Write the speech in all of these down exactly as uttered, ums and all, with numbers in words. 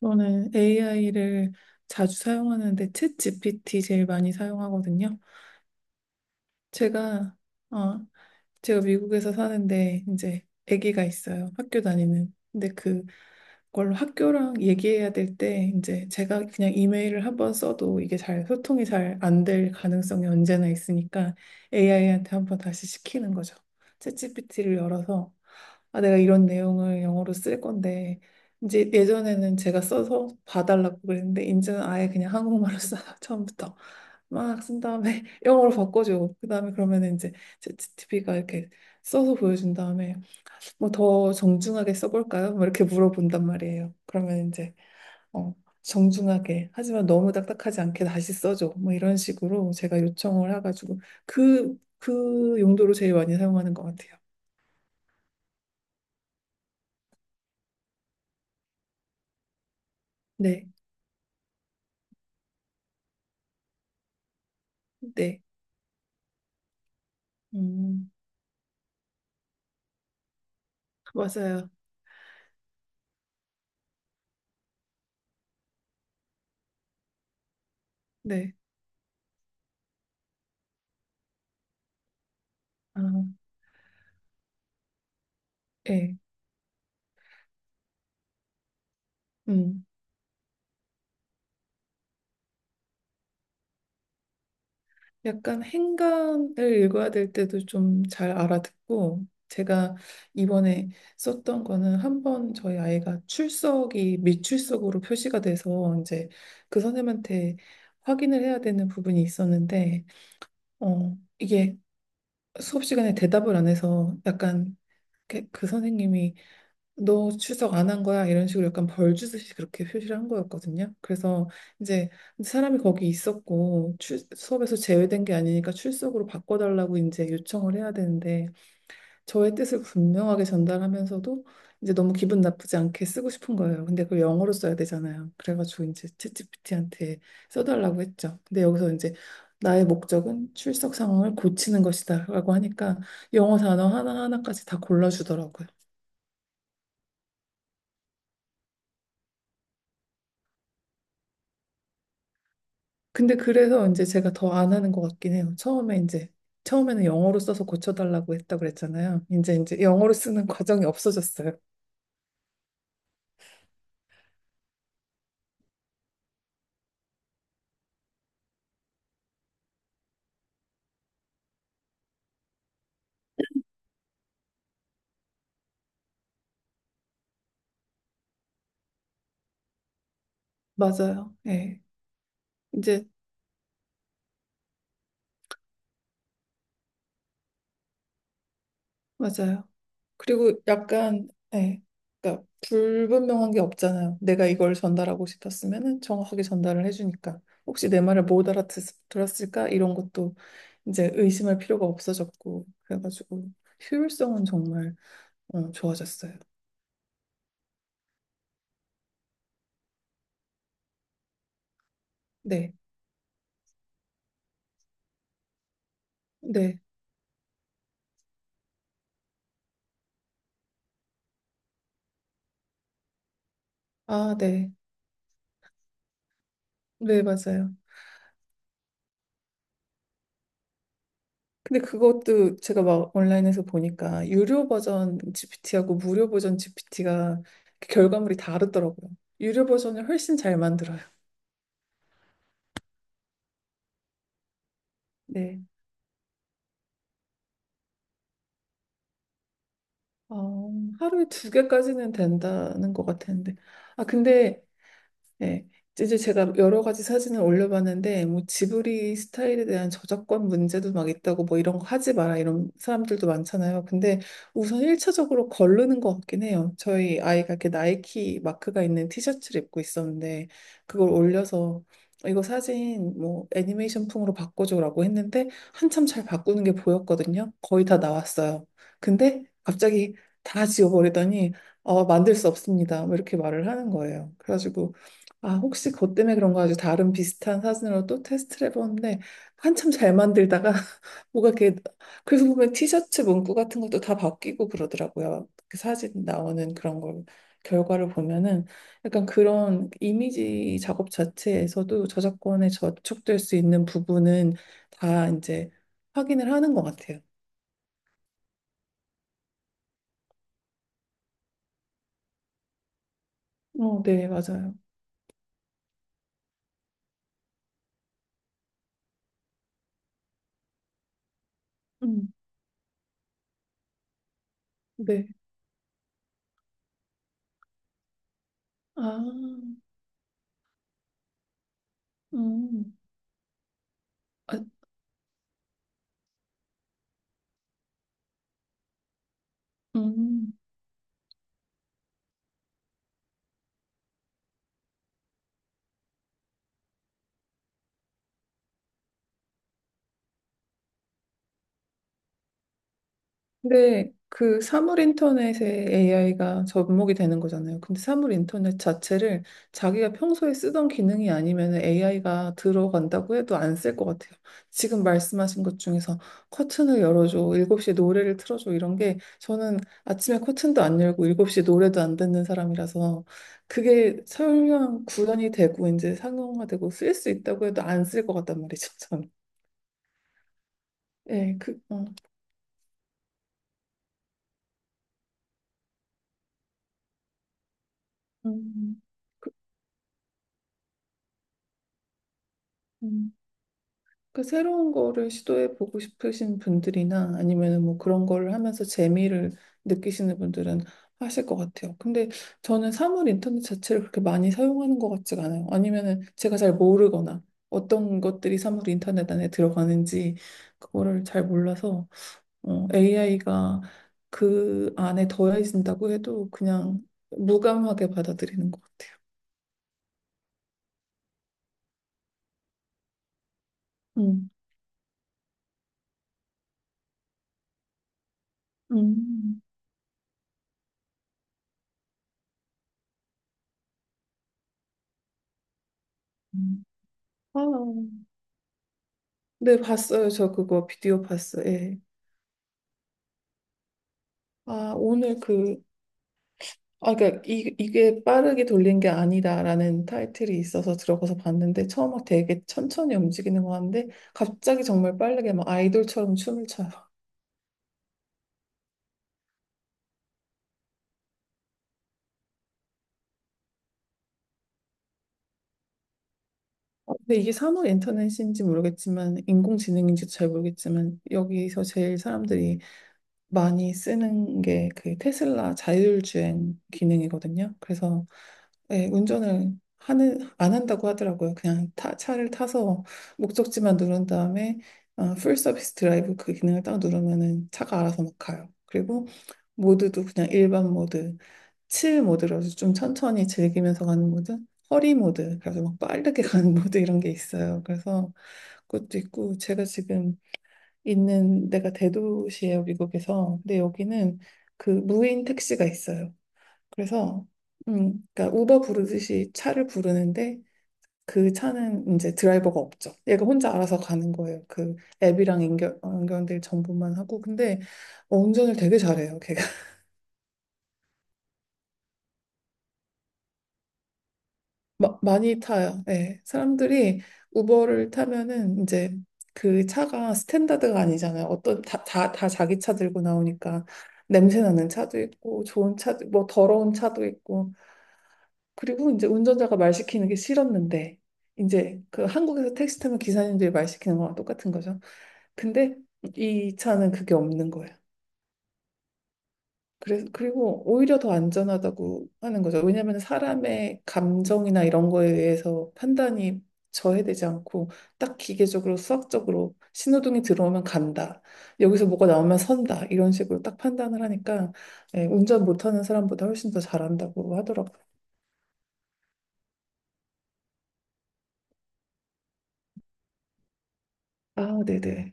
저는 에이아이를 자주 사용하는데 챗 지피티 제일 많이 사용하거든요. 제가 어, 제가 미국에서 사는데 이제 아기가 있어요. 학교 다니는. 근데 그 그걸로 학교랑 얘기해야 될 때 이제 제가 그냥 이메일을 한번 써도 이게 잘 소통이 잘 안 될 가능성이 언제나 있으니까 에이아이한테 한번 다시 시키는 거죠. 챗지피티를 열어서 아, 내가 이런 내용을 영어로 쓸 건데 이제 예전에는 제가 써서 봐달라고 그랬는데 이제는 아예 그냥 한국말로 써서 처음부터 막 쓴 다음에 영어로 바꿔줘. 그 다음에 그러면 이제 챗지피티가 이렇게 써서 보여준 다음에 뭐 더 정중하게 써볼까요? 뭐 이렇게 물어본단 말이에요. 그러면 이제 어, 정중하게 하지만 너무 딱딱하지 않게 다시 써줘. 뭐 이런 식으로 제가 요청을 해가지고 그, 그 용도로 제일 많이 사용하는 것 같아요. 네, 네, 음, 맞아요. 네, 아, 예, 음. 약간 행간을 읽어야 될 때도 좀 잘 알아듣고 제가 이번에 썼던 거는 한 번 저희 아이가 출석이 미출석으로 표시가 돼서 이제 그 선생님한테 확인을 해야 되는 부분이 있었는데 어 이게 수업 시간에 대답을 안 해서 약간 그, 그 선생님이 너 출석 안 한 거야? 이런 식으로 약간 벌 주듯이 그렇게 표시를 한 거였거든요. 그래서 이제 사람이 거기 있었고 출, 수업에서 제외된 게 아니니까 출석으로 바꿔달라고 이제 요청을 해야 되는데 저의 뜻을 분명하게 전달하면서도 이제 너무 기분 나쁘지 않게 쓰고 싶은 거예요. 근데 그걸 영어로 써야 되잖아요. 그래가지고 이제 챗지피티한테 써달라고 했죠. 근데 여기서 이제 나의 목적은 출석 상황을 고치는 것이다라고 하니까 영어 단어 하나하나까지 다 골라주더라고요. 근데 그래서 이제 제가 더 안 하는 것 같긴 해요. 처음에 이제 처음에는 영어로 써서 고쳐달라고 했다고 그랬잖아요. 이제 이제 영어로 쓰는 과정이 없어졌어요. 맞아요. 예. 이제 맞아요. 그리고 약간 예. 그러니까 불분명한 게 없잖아요. 내가 이걸 전달하고 싶었으면은 정확하게 전달을 해주니까 혹시 내 말을 못 알아들었을까 이런 것도 이제 의심할 필요가 없어졌고 그래가지고 효율성은 정말 어, 좋아졌어요. 네. 네. 아, 네. 네, 맞아요. 근데 그것도 제가 막 온라인에서 보니까 유료 버전 지피티하고 무료 버전 지피티가 결과물이 다르더라고요. 유료 버전을 훨씬 잘 만들어요. 네. 어, 하루에 두 개까지는 된다는 것 같았는데. 아, 근데 네. 이제 제가 여러 가지 사진을 올려봤는데, 뭐, 지브리 스타일에 대한 저작권 문제도 막 있다고, 뭐, 이런 거 하지 마라, 이런 사람들도 많잖아요. 근데 우선 일 차적으로 거르는 것 같긴 해요. 저희 아이가 이렇게 나이키 마크가 있는 티셔츠를 입고 있었는데, 그걸 올려서, 이거 사진, 뭐, 애니메이션 풍으로 바꿔줘라고 했는데, 한참 잘 바꾸는 게 보였거든요. 거의 다 나왔어요. 근데 갑자기 다 지워버리더니, 어, 만들 수 없습니다. 뭐 이렇게 말을 하는 거예요. 그래가지고, 아, 혹시 그것 때문에 그런가 아주 다른 비슷한 사진으로 또 테스트를 해봤는데 한참 잘 만들다가 뭐가 이렇게 그래서 보면 티셔츠 문구 같은 것도 다 바뀌고 그러더라고요. 그 사진 나오는 그런 걸 결과를 보면은 약간 그런 이미지 작업 자체에서도 저작권에 저촉될 수 있는 부분은 다 이제 확인을 하는 것 같아요. 어, 네, 맞아요. 음, 네. 아, 음, 아, 음. 근데 그 사물 인터넷에 에이아이가 접목이 되는 거잖아요. 근데 사물 인터넷 자체를 자기가 평소에 쓰던 기능이 아니면 에이아이가 들어간다고 해도 안 쓸 것 같아요. 지금 말씀하신 것 중에서 커튼을 열어줘, 일곱 시에 노래를 틀어줘 이런 게 저는 아침에 커튼도 안 열고 일곱 시에 노래도 안 듣는 사람이라서 그게 설명 구현이 되고 이제 상용화되고 쓸 수 있다고 해도 안 쓸 것 같단 말이죠, 저는. 예, 그, 어. 음, 음. 그 새로운 거를 시도해 보고 싶으신 분들이나 아니면 뭐 그런 거를 하면서 재미를 느끼시는 분들은 하실 것 같아요. 근데 저는 사물 인터넷 자체를 그렇게 많이 사용하는 것 같지가 않아요. 아니면은 제가 잘 모르거나 어떤 것들이 사물 인터넷 안에 들어가는지 그거를 잘 몰라서 에이아이가 그 안에 더해진다고 해도 그냥 무감하게 받아들이는 것 같아요. 음. 음. 음. 아. 네, 봤어요. 저 그거 비디오 봤어요. 예. 아, 오늘 그, 아, 그러니까 이, 이게 빠르게 돌린 게 아니다라는 타이틀이 있어서 들어가서 봤는데 처음 막 되게 천천히 움직이는 거 하는데 갑자기 정말 빠르게 막 아이돌처럼 춤을 춰요. 아, 근데 이게 산업 인터넷인지 모르겠지만 인공지능인지 잘 모르겠지만 여기서 제일 사람들이 많이 쓰는 게 그 테슬라 자율주행 기능이거든요. 그래서 예, 운전을 하는, 안 한다고 하더라고요. 그냥 타, 차를 타서 목적지만 누른 다음에 어, 풀 서비스 드라이브 그 기능을 딱 누르면은 차가 알아서 막 가요. 그리고 모드도 그냥 일반 모드, 칠 모드라서 좀 천천히 즐기면서 가는 모드, 허리 모드, 그래서 막 빠르게 가는 모드 이런 게 있어요. 그래서 그것도 있고 제가 지금 있는 데가 대도시예요, 미국에서. 근데 여기는 그 무인 택시가 있어요. 그래서 음, 그러니까 우버 부르듯이 차를 부르는데 그 차는 이제 드라이버가 없죠. 얘가 혼자 알아서 가는 거예요. 그 앱이랑 연결, 연결될 정보만 하고. 근데 운전을 되게 잘해요, 걔가. 마, 많이 타요. 네. 사람들이 우버를 타면은 이제 그 차가 스탠다드가 아니잖아요. 어떤 다, 다, 다 자기 차 들고 나오니까 냄새 나는 차도 있고 좋은 차도 뭐 더러운 차도 있고 그리고 이제 운전자가 말 시키는 게 싫었는데 이제 그 한국에서 택시 타면 기사님들이 말 시키는 거랑 똑같은 거죠. 근데 이 차는 그게 없는 거예요. 그래서 그리고 오히려 더 안전하다고 하는 거죠. 왜냐하면 사람의 감정이나 이런 거에 의해서 판단이 저해되지 않고 딱 기계적으로 수학적으로 신호등이 들어오면 간다. 여기서 뭐가 나오면 선다. 이런 식으로 딱 판단을 하니까 예, 운전 못하는 사람보다 훨씬 더 잘한다고 하더라고요. 아, 네네.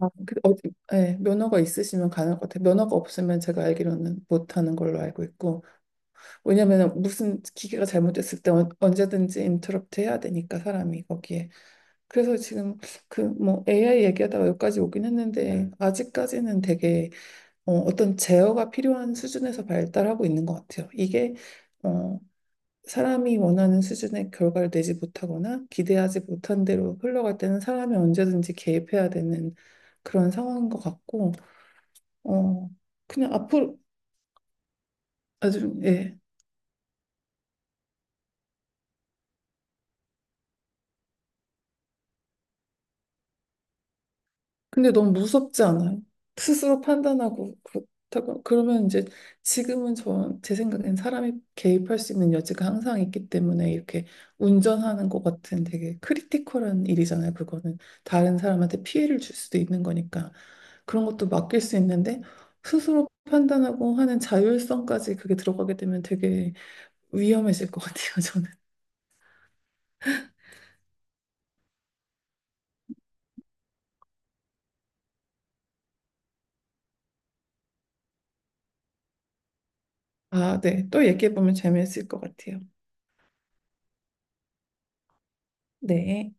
아, 그, 어, 예, 면허가 있으시면 가능할 것 같아요. 면허가 없으면 제가 알기로는 못하는 걸로 알고 있고. 왜냐면 무슨 기계가 잘못됐을 때 언- 언제든지 인터럽트 해야 되니까 사람이 거기에. 그래서 지금 그 뭐 에이아이 얘기하다가 여기까지 오긴 했는데 아직까지는 되게 어, 떤 제어가 필요한 수준에서 발달하고 있는 것 같아요. 이게 어, 사람이 원하는 수준의 결과를 내지 못하거나 기대하지 못한 대로 흘러갈 때는 사람이 언제든지 개입해야 되는 그런 상황인 것 같고 어, 그냥 앞으로 아주 예. 근데 너무 무섭지 않아요? 스스로 판단하고 그렇다고 그러면 이제 지금은 저, 제 생각엔 사람이 개입할 수 있는 여지가 항상 있기 때문에 이렇게 운전하는 것 같은 되게 크리티컬한 일이잖아요. 그거는 다른 사람한테 피해를 줄 수도 있는 거니까 그런 것도 맡길 수 있는데 스스로 판단하고 하는 자율성까지 그게 들어가게 되면 되게 위험해질 것 같아요. 저는. 아, 네. 또 얘기해 보면 재미있을 것 같아요. 네.